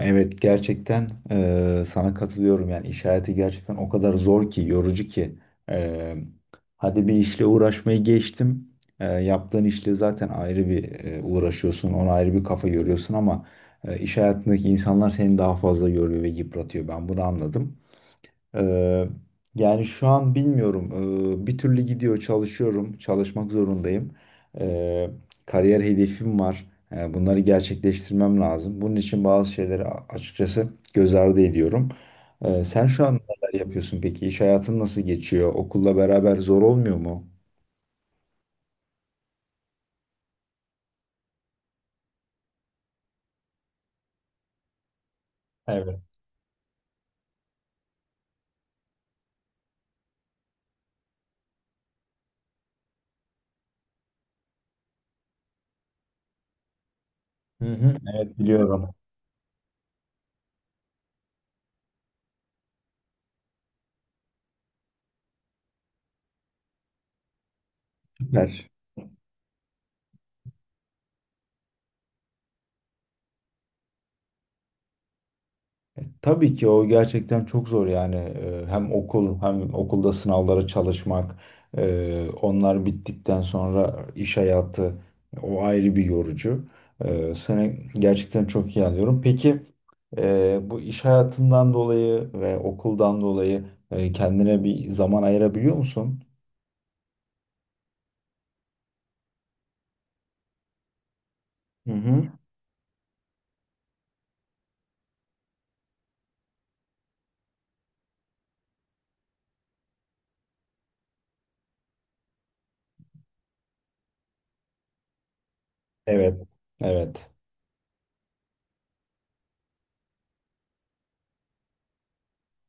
Evet, gerçekten sana katılıyorum yani iş hayatı gerçekten o kadar zor ki, yorucu ki. Eee, hadi bir işle uğraşmayı geçtim. Yaptığın işle zaten ayrı bir uğraşıyorsun, ona ayrı bir kafa yoruyorsun ama iş hayatındaki insanlar seni daha fazla yoruyor ve yıpratıyor, ben bunu anladım. Ee, yani şu an bilmiyorum. Bir türlü gidiyor, çalışıyorum, çalışmak zorundayım. Ee, kariyer hedefim var. Bunları gerçekleştirmem lazım. Bunun için bazı şeyleri açıkçası göz ardı ediyorum. Sen şu an neler yapıyorsun peki? İş hayatın nasıl geçiyor? Okulla beraber zor olmuyor mu? Evet. Hı hı. Evet, biliyorum. Süper. Tabii ki, o gerçekten çok zor yani. Hem okul, hem okulda sınavlara çalışmak, onlar bittikten sonra iş hayatı, o ayrı bir yorucu. Seni gerçekten çok iyi anlıyorum. Peki, bu iş hayatından dolayı ve okuldan dolayı, kendine bir zaman ayırabiliyor musun? Hı hı. Evet. Evet.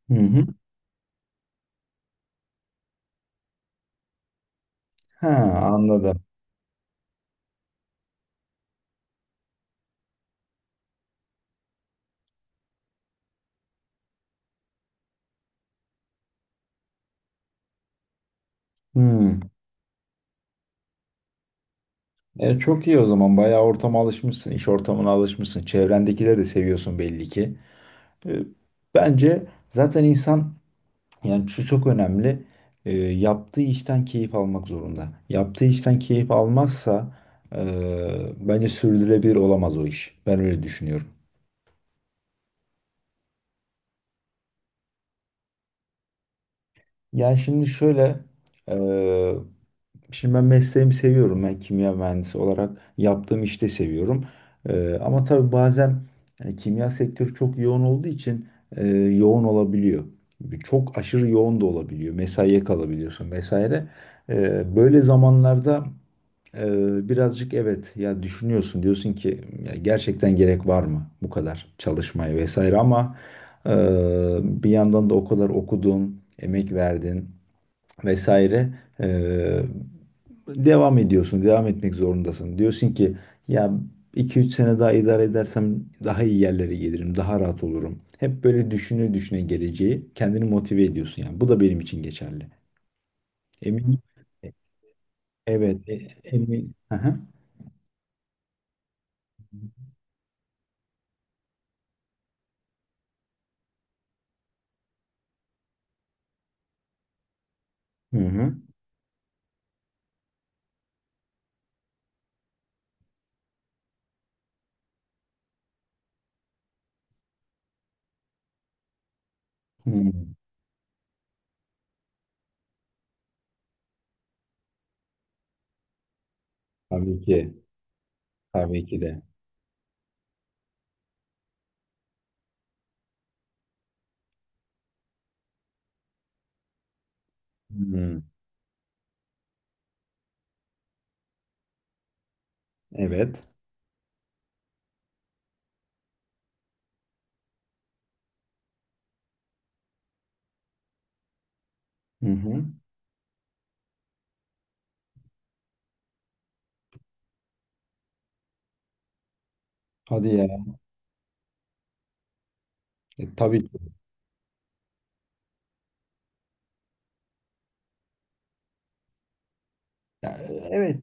Hı hı. Ha, anladım. Hı. Çok iyi o zaman. Bayağı ortama alışmışsın, iş ortamına alışmışsın. Çevrendekileri de seviyorsun belli ki. E, bence zaten insan, yani şu çok önemli. Yaptığı işten keyif almak zorunda. Yaptığı işten keyif almazsa, e, bence sürdürülebilir olamaz o iş. Ben öyle düşünüyorum. Yani şimdi şöyle. e, Şimdi ben mesleğimi seviyorum. Ben kimya mühendisi olarak yaptığım işte seviyorum. Ama tabii bazen kimya sektörü çok yoğun olduğu için yoğun olabiliyor. Çok aşırı yoğun da olabiliyor. Mesaiye kalabiliyorsun vesaire. Böyle zamanlarda birazcık, evet ya, düşünüyorsun. Diyorsun ki: "Ya, gerçekten gerek var mı bu kadar çalışmaya vesaire? Ama e, bir yandan da o kadar okudun, emek verdin vesaire, eee, devam ediyorsun, devam etmek zorundasın. Diyorsun ki ya, iki üç sene daha idare edersem daha iyi yerlere gelirim, daha rahat olurum." Hep böyle düşüne düşüne geleceği kendini motive ediyorsun yani. Bu da benim için geçerli. Emin, evet, emin. Hı hı. Hı hı. Hı. Tabii ki, tabii ki de. Hı. Evet. Hı hı. Hadi ya. Tabii ki. Ya, evet.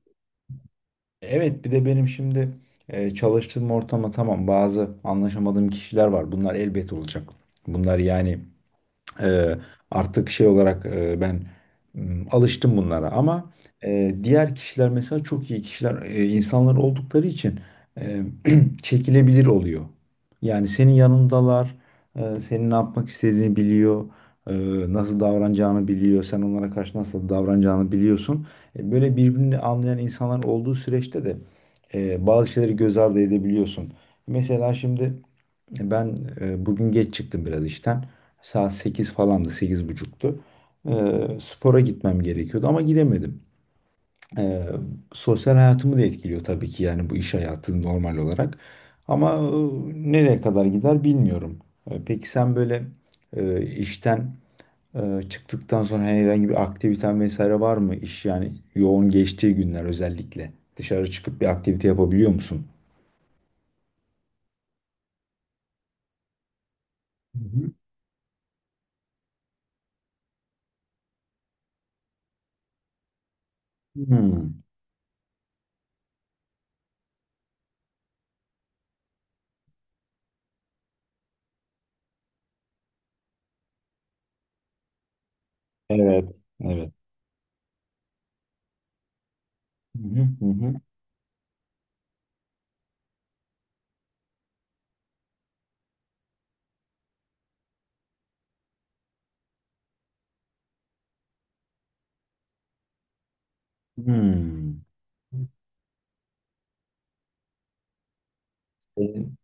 Evet, bir de benim şimdi çalıştığım ortama, tamam, bazı anlaşamadığım kişiler var. Bunlar elbet olacak. Bunlar yani, ee, artık şey olarak ben, alıştım bunlara ama diğer kişiler mesela çok iyi kişiler, insanlar oldukları için, e, çekilebilir oluyor. Yani senin yanındalar, senin ne yapmak istediğini biliyor, e, nasıl davranacağını biliyor, sen onlara karşı nasıl davranacağını biliyorsun. Böyle birbirini anlayan insanlar olduğu süreçte de bazı şeyleri göz ardı edebiliyorsun. Mesela şimdi. Ben bugün geç çıktım biraz işten. Saat 8 falandı, 8.30'tu. Spora gitmem gerekiyordu ama gidemedim. E, sosyal hayatımı da etkiliyor tabii ki, yani bu iş hayatı normal olarak. Ama nereye kadar gider, bilmiyorum. Peki, sen böyle işten çıktıktan sonra herhangi bir aktiviten vesaire var mı? İş yani yoğun geçtiği günler özellikle. Dışarı çıkıp bir aktivite yapabiliyor musun? Hı hı. Hmm, evet, evet. Hı hı, hı hı. Hmm. Senin-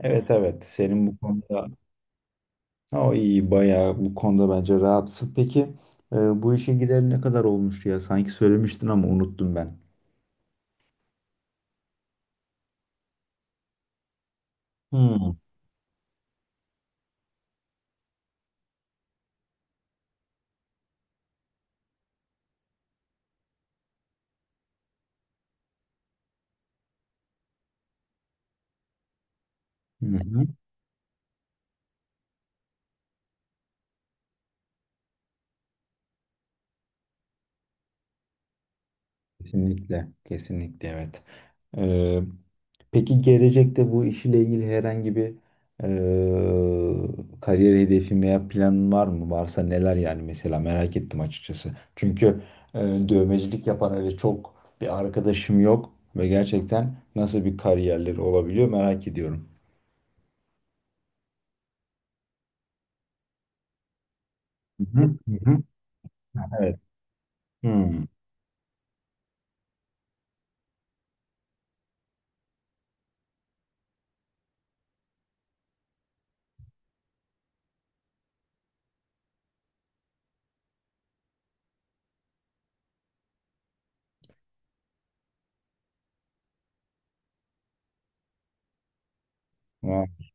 Evet, evet, senin bu konuda, o iyi, bayağı bu konuda bence rahatsın. Peki, e, bu işe gideli ne kadar olmuştu ya? Sanki söylemiştin ama unuttum ben. Hmm. Hı hı. Kesinlikle, kesinlikle, evet. Ee, peki, gelecekte bu işle ilgili herhangi bir kariyer hedefi veya planın var mı? Varsa neler yani, mesela merak ettim açıkçası. Çünkü dövmecilik yapan öyle çok bir arkadaşım yok ve gerçekten nasıl bir kariyerleri olabiliyor, merak ediyorum. Hı hı, hı hı. Evet. Hmm. Vay.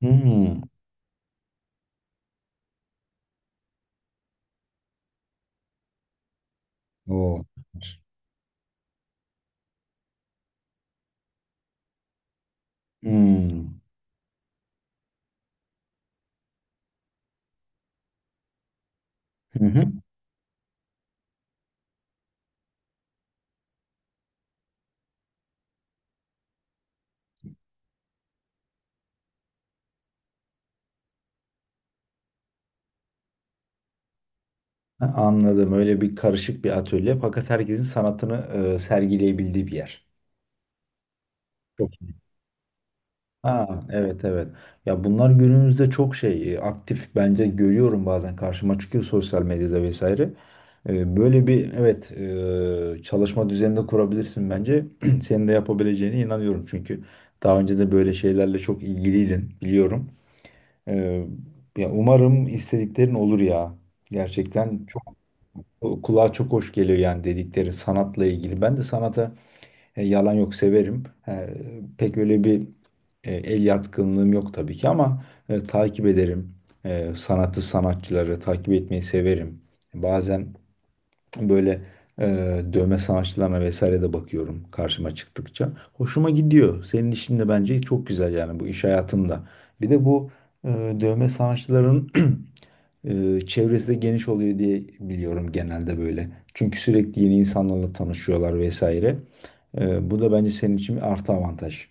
Hmm. Oo. Hmm. Hı hı. Anladım. Öyle bir karışık bir atölye, fakat herkesin sanatını sergileyebildiği bir yer. Çok. Ha, evet, evet. Ya bunlar günümüzde çok şey, aktif bence, görüyorum bazen karşıma çıkıyor sosyal medyada vesaire. Böyle bir, evet, çalışma düzeninde kurabilirsin bence. Senin de yapabileceğine inanıyorum çünkü daha önce de böyle şeylerle çok ilgiliydin, biliyorum. E, Ya umarım istediklerin olur ya. Gerçekten çok kulağa çok hoş geliyor, yani dedikleri sanatla ilgili. Ben de sanata, yalan yok, severim. Pek öyle bir el yatkınlığım yok tabii ki, ama takip ederim. Sanatı, sanatçıları takip etmeyi severim. Bazen, böyle e, dövme sanatçılarına vesaire de bakıyorum karşıma çıktıkça. Hoşuma gidiyor. Senin işin de bence çok güzel, yani bu iş hayatında. Bir de bu e, dövme sanatçıların çevresi de geniş oluyor diye biliyorum, genelde böyle. Çünkü sürekli yeni insanlarla tanışıyorlar vesaire. Bu da bence senin için bir artı avantaj.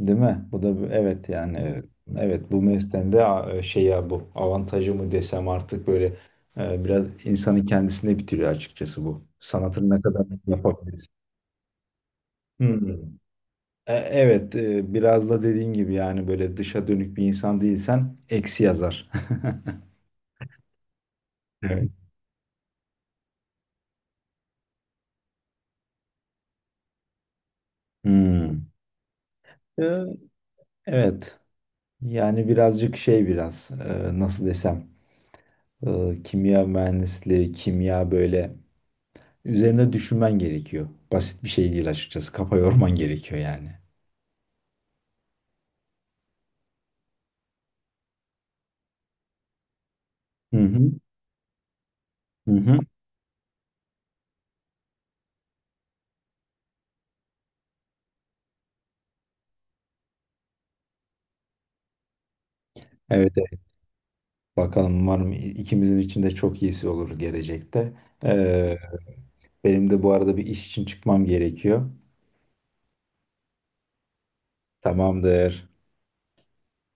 Değil mi? Bu da evet yani. Evet, evet, bu mesleğin de şey ya, bu avantajı mı desem artık, böyle biraz insanın kendisine bitiriyor açıkçası bu. Sanatın ne kadar yapabilir. Hmm. Evet, biraz da dediğin gibi yani böyle dışa dönük bir insan değilsen eksi yazar. Evet. Hmm. E, evet, yani birazcık şey, biraz, nasıl desem, kimya mühendisliği, kimya böyle, üzerinde düşünmen gerekiyor. Basit bir şey değil açıkçası. Kafa yorman gerekiyor yani. Hı hı. Hı hı. Evet, evet. Bakalım, umarım ikimizin için de çok iyisi olur gelecekte. Ee, benim de bu arada bir iş için çıkmam gerekiyor. Tamamdır.